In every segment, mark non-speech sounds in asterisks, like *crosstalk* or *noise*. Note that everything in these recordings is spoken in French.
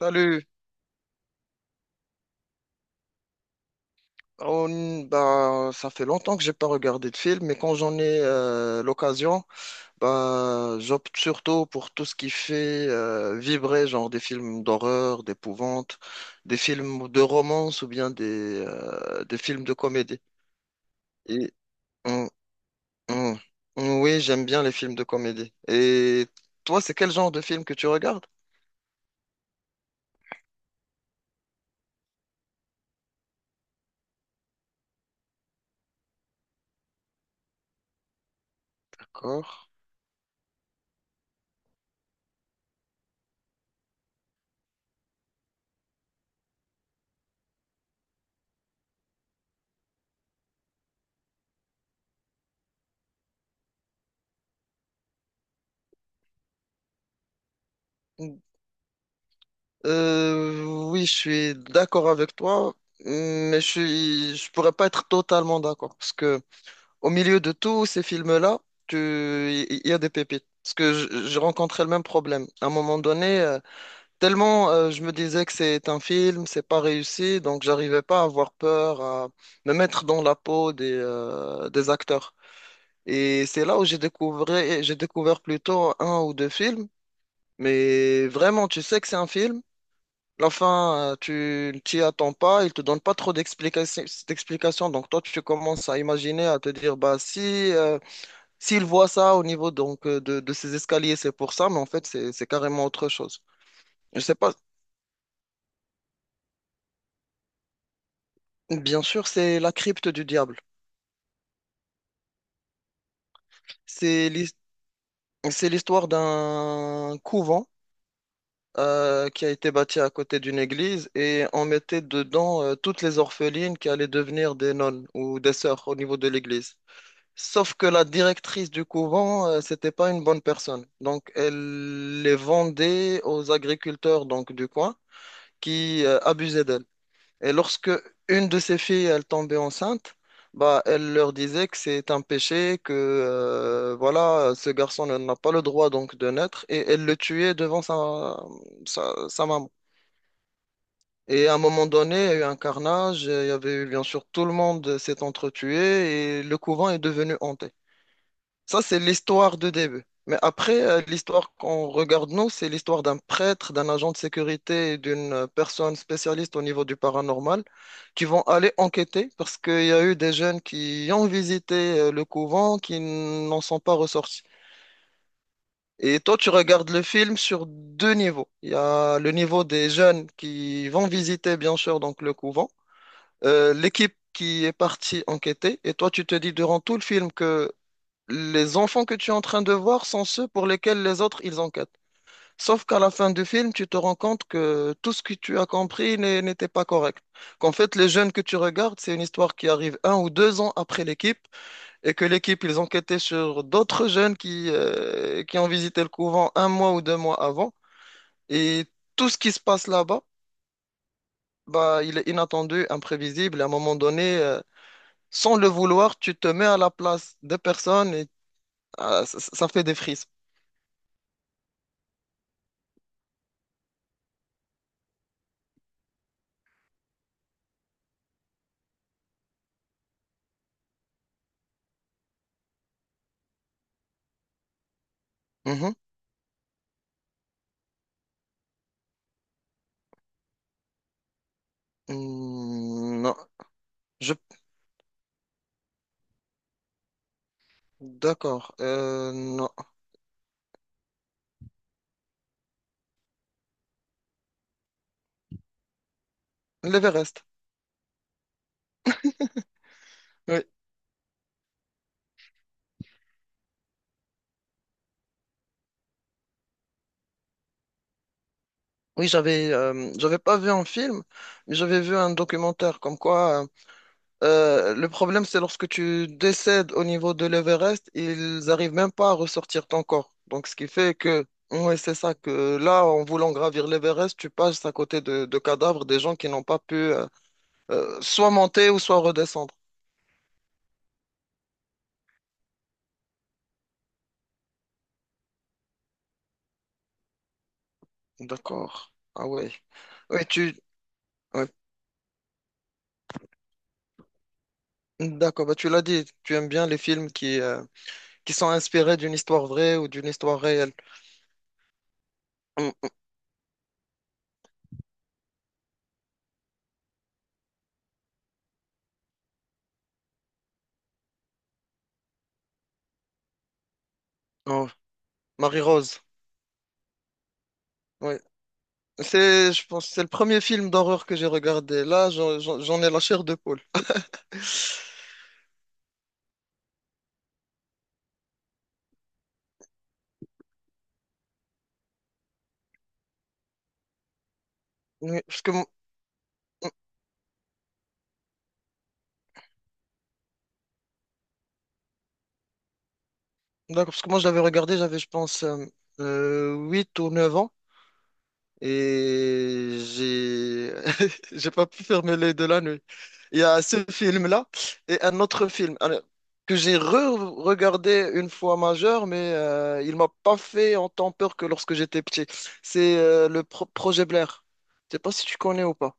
Salut. Ça fait longtemps que j'ai pas regardé de film, mais quand j'en ai l'occasion, bah, j'opte surtout pour tout ce qui fait vibrer, genre des films d'horreur, d'épouvante, des films de romance ou bien des films de comédie. Et, hum, hum, oui, j'aime bien les films de comédie. Et toi, c'est quel genre de film que tu regardes? D'accord. Euh, oui, je suis d'accord avec toi, mais je pourrais pas être totalement d'accord parce que au milieu de tous ces films-là, il y a des pépites. Parce que j'ai rencontré le même problème. À un moment donné, tellement je me disais que c'est un film, c'est pas réussi, donc j'arrivais pas à avoir peur, à me mettre dans la peau des acteurs. Et c'est là où j'ai découvert plutôt un ou deux films, mais vraiment, tu sais que c'est un film. La fin, tu ne t'y attends pas, il te donne pas trop d'explications. Donc toi, tu commences à imaginer, à te dire, bah si, euh, s'il voit ça au niveau donc de ces escaliers, c'est pour ça, mais en fait, c'est carrément autre chose. Je sais pas. Bien sûr, c'est La Crypte du Diable. C'est l'his- c'est l'histoire d'un couvent qui a été bâti à côté d'une église et on mettait dedans toutes les orphelines qui allaient devenir des nonnes ou des sœurs au niveau de l'église. Sauf que la directrice du couvent, c'était pas une bonne personne. Donc, elle les vendait aux agriculteurs donc du coin qui abusaient d'elle. Et lorsque une de ses filles, elle tombait enceinte, bah, elle leur disait que c'est un péché, que voilà, ce garçon n'a pas le droit donc de naître, et elle le tuait devant sa maman. Et à un moment donné, il y a eu un carnage, il y avait eu bien sûr, tout le monde s'est entretué et le couvent est devenu hanté. Ça, c'est l'histoire de début. Mais après, l'histoire qu'on regarde, nous, c'est l'histoire d'un prêtre, d'un agent de sécurité et d'une personne spécialiste au niveau du paranormal qui vont aller enquêter parce qu'il y a eu des jeunes qui ont visité le couvent qui n'en sont pas ressortis. Et toi, tu regardes le film sur deux niveaux. Il y a le niveau des jeunes qui vont visiter, bien sûr, donc le couvent, l'équipe qui est partie enquêter, et toi, tu te dis durant tout le film que les enfants que tu es en train de voir sont ceux pour lesquels les autres, ils enquêtent. Sauf qu'à la fin du film, tu te rends compte que tout ce que tu as compris n'était pas correct. Qu'en fait, les jeunes que tu regardes, c'est une histoire qui arrive un ou deux ans après l'équipe, et que l'équipe, ils enquêtaient sur d'autres jeunes qui ont visité le couvent un mois ou deux mois avant. Et tout ce qui se passe là-bas, bah, il est inattendu, imprévisible, et à un moment donné, sans le vouloir, tu te mets à la place des personnes et ah, ça ça fait des frissons. Mhm. Mm, non, je... D'accord. Non. L'Everest. Oui, oui, j'avais pas vu un film, mais j'avais vu un documentaire comme quoi euh, le problème, c'est lorsque tu décèdes au niveau de l'Everest, ils arrivent même pas à ressortir ton corps. Donc, ce qui fait que, ouais, c'est ça, que là, en voulant gravir l'Everest, tu passes à côté de cadavres des gens qui n'ont pas pu soit monter ou soit redescendre. D'accord. Ah ouais. Ouais, tu... ouais. D'accord, bah, tu l'as dit, tu aimes bien les films qui sont inspirés d'une histoire vraie ou d'une histoire réelle. Hum, Oh, Marie-Rose. Oui. C'est, je pense, c'est le premier film d'horreur que j'ai regardé. Là, j'en ai la chair de poule. Oui. D'accord, parce que moi, je l'avais regardé, j'avais, je pense, 8 ou 9 ans. Et j'ai *laughs* j'ai pas pu fermer les de la nuit. Il y a ce film-là et un autre film alors, que j'ai re-regardé une fois majeur, mais il m'a pas fait autant peur que lorsque j'étais petit. C'est le Projet Blair. Je sais pas si tu connais ou pas.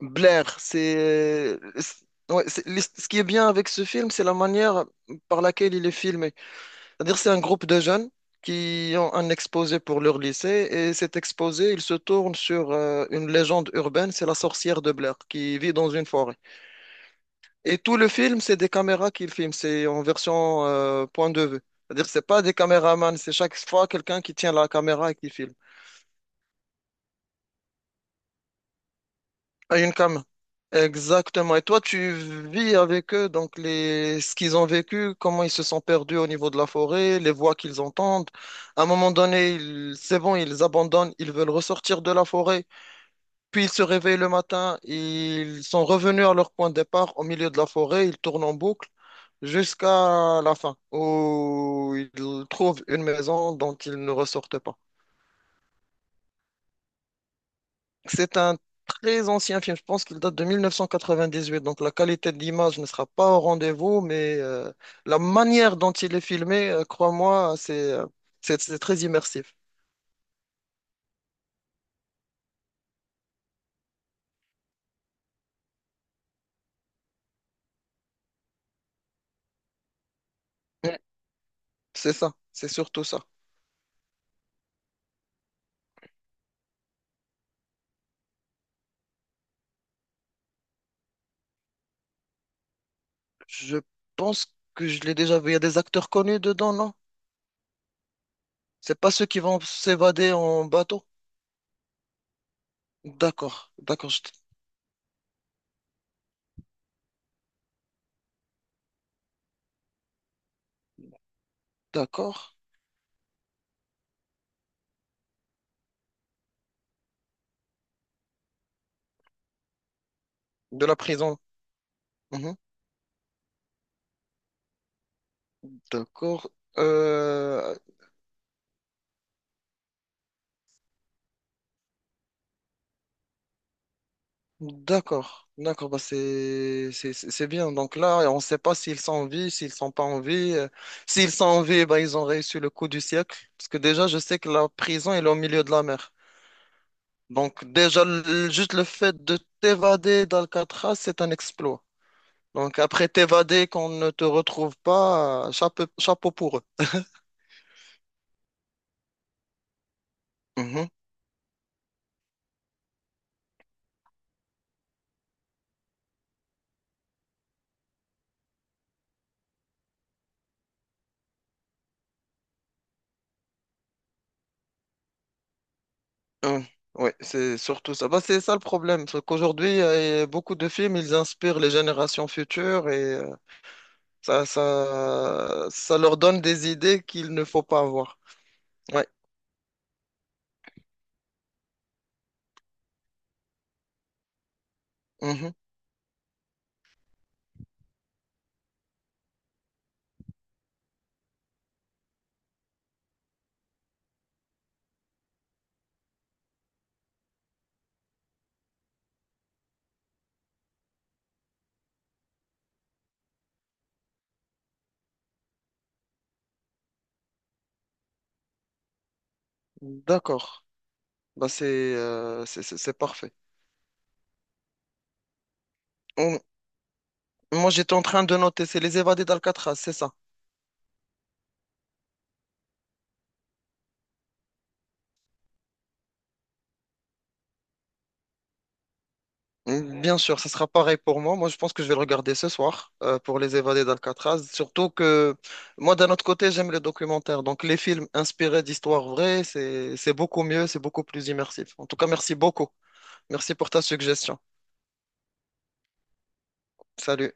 Blair, ouais, ce qui est bien avec ce film, c'est la manière par laquelle il est filmé. C'est-à-dire, c'est un groupe de jeunes qui ont un exposé pour leur lycée et cet exposé, il se tourne sur une légende urbaine, c'est la sorcière de Blair qui vit dans une forêt. Et tout le film, c'est des caméras qu'il filme, c'est en version point de vue. C'est-à-dire, c'est pas des caméramans, c'est chaque fois quelqu'un qui tient la caméra et qui filme. À une cam. Exactement. Et toi, tu vis avec eux, donc les... ce qu'ils ont vécu, comment ils se sont perdus au niveau de la forêt, les voix qu'ils entendent. À un moment donné, c'est bon, ils abandonnent, ils veulent ressortir de la forêt. Puis ils se réveillent le matin, ils sont revenus à leur point de départ au milieu de la forêt, ils tournent en boucle jusqu'à la fin, où ils trouvent une maison dont ils ne ressortent pas. C'est un très ancien film, je pense qu'il date de 1998, donc la qualité de l'image ne sera pas au rendez-vous, mais la manière dont il est filmé, crois-moi, c'est c'est très immersif. Mm. C'est ça, c'est surtout ça. Je pense que je l'ai déjà vu. Il y a des acteurs connus dedans, non? C'est pas ceux qui vont s'évader en bateau. D'accord, d'accord, d'accord. De la prison. Mhm. D'accord. Euh, d'accord, d'accord, bah c'est bien. Donc là, on ne sait pas s'ils sont en vie, s'ils sont pas en vie. S'ils sont en vie, bah, ils ont réussi le coup du siècle. Parce que déjà, je sais que la prison, elle est au milieu de la mer. Donc déjà, juste le fait de t'évader d'Alcatraz, c'est un exploit. Donc après t'évader, qu'on ne te retrouve pas, chapeau, chapeau pour eux. Mhm. Hum. Ouais, c'est surtout ça. Bah, c'est ça le problème, c'est qu'aujourd'hui, beaucoup de films, ils inspirent les générations futures. Ça leur donne des idées qu'il ne faut pas avoir. Ouais. Mhm. D'accord. Bah, c'est c'est parfait. Hum, Moi, j'étais en train de noter, c'est Les Évadés d'Alcatraz, c'est ça. Bien sûr, ça sera pareil pour moi. Moi, je pense que je vais le regarder ce soir pour Les Évadés d'Alcatraz. Surtout que moi, d'un autre côté, j'aime les documentaires. Donc, les films inspirés d'histoires vraies, c'est beaucoup mieux, c'est beaucoup plus immersif. En tout cas, merci beaucoup. Merci pour ta suggestion. Salut.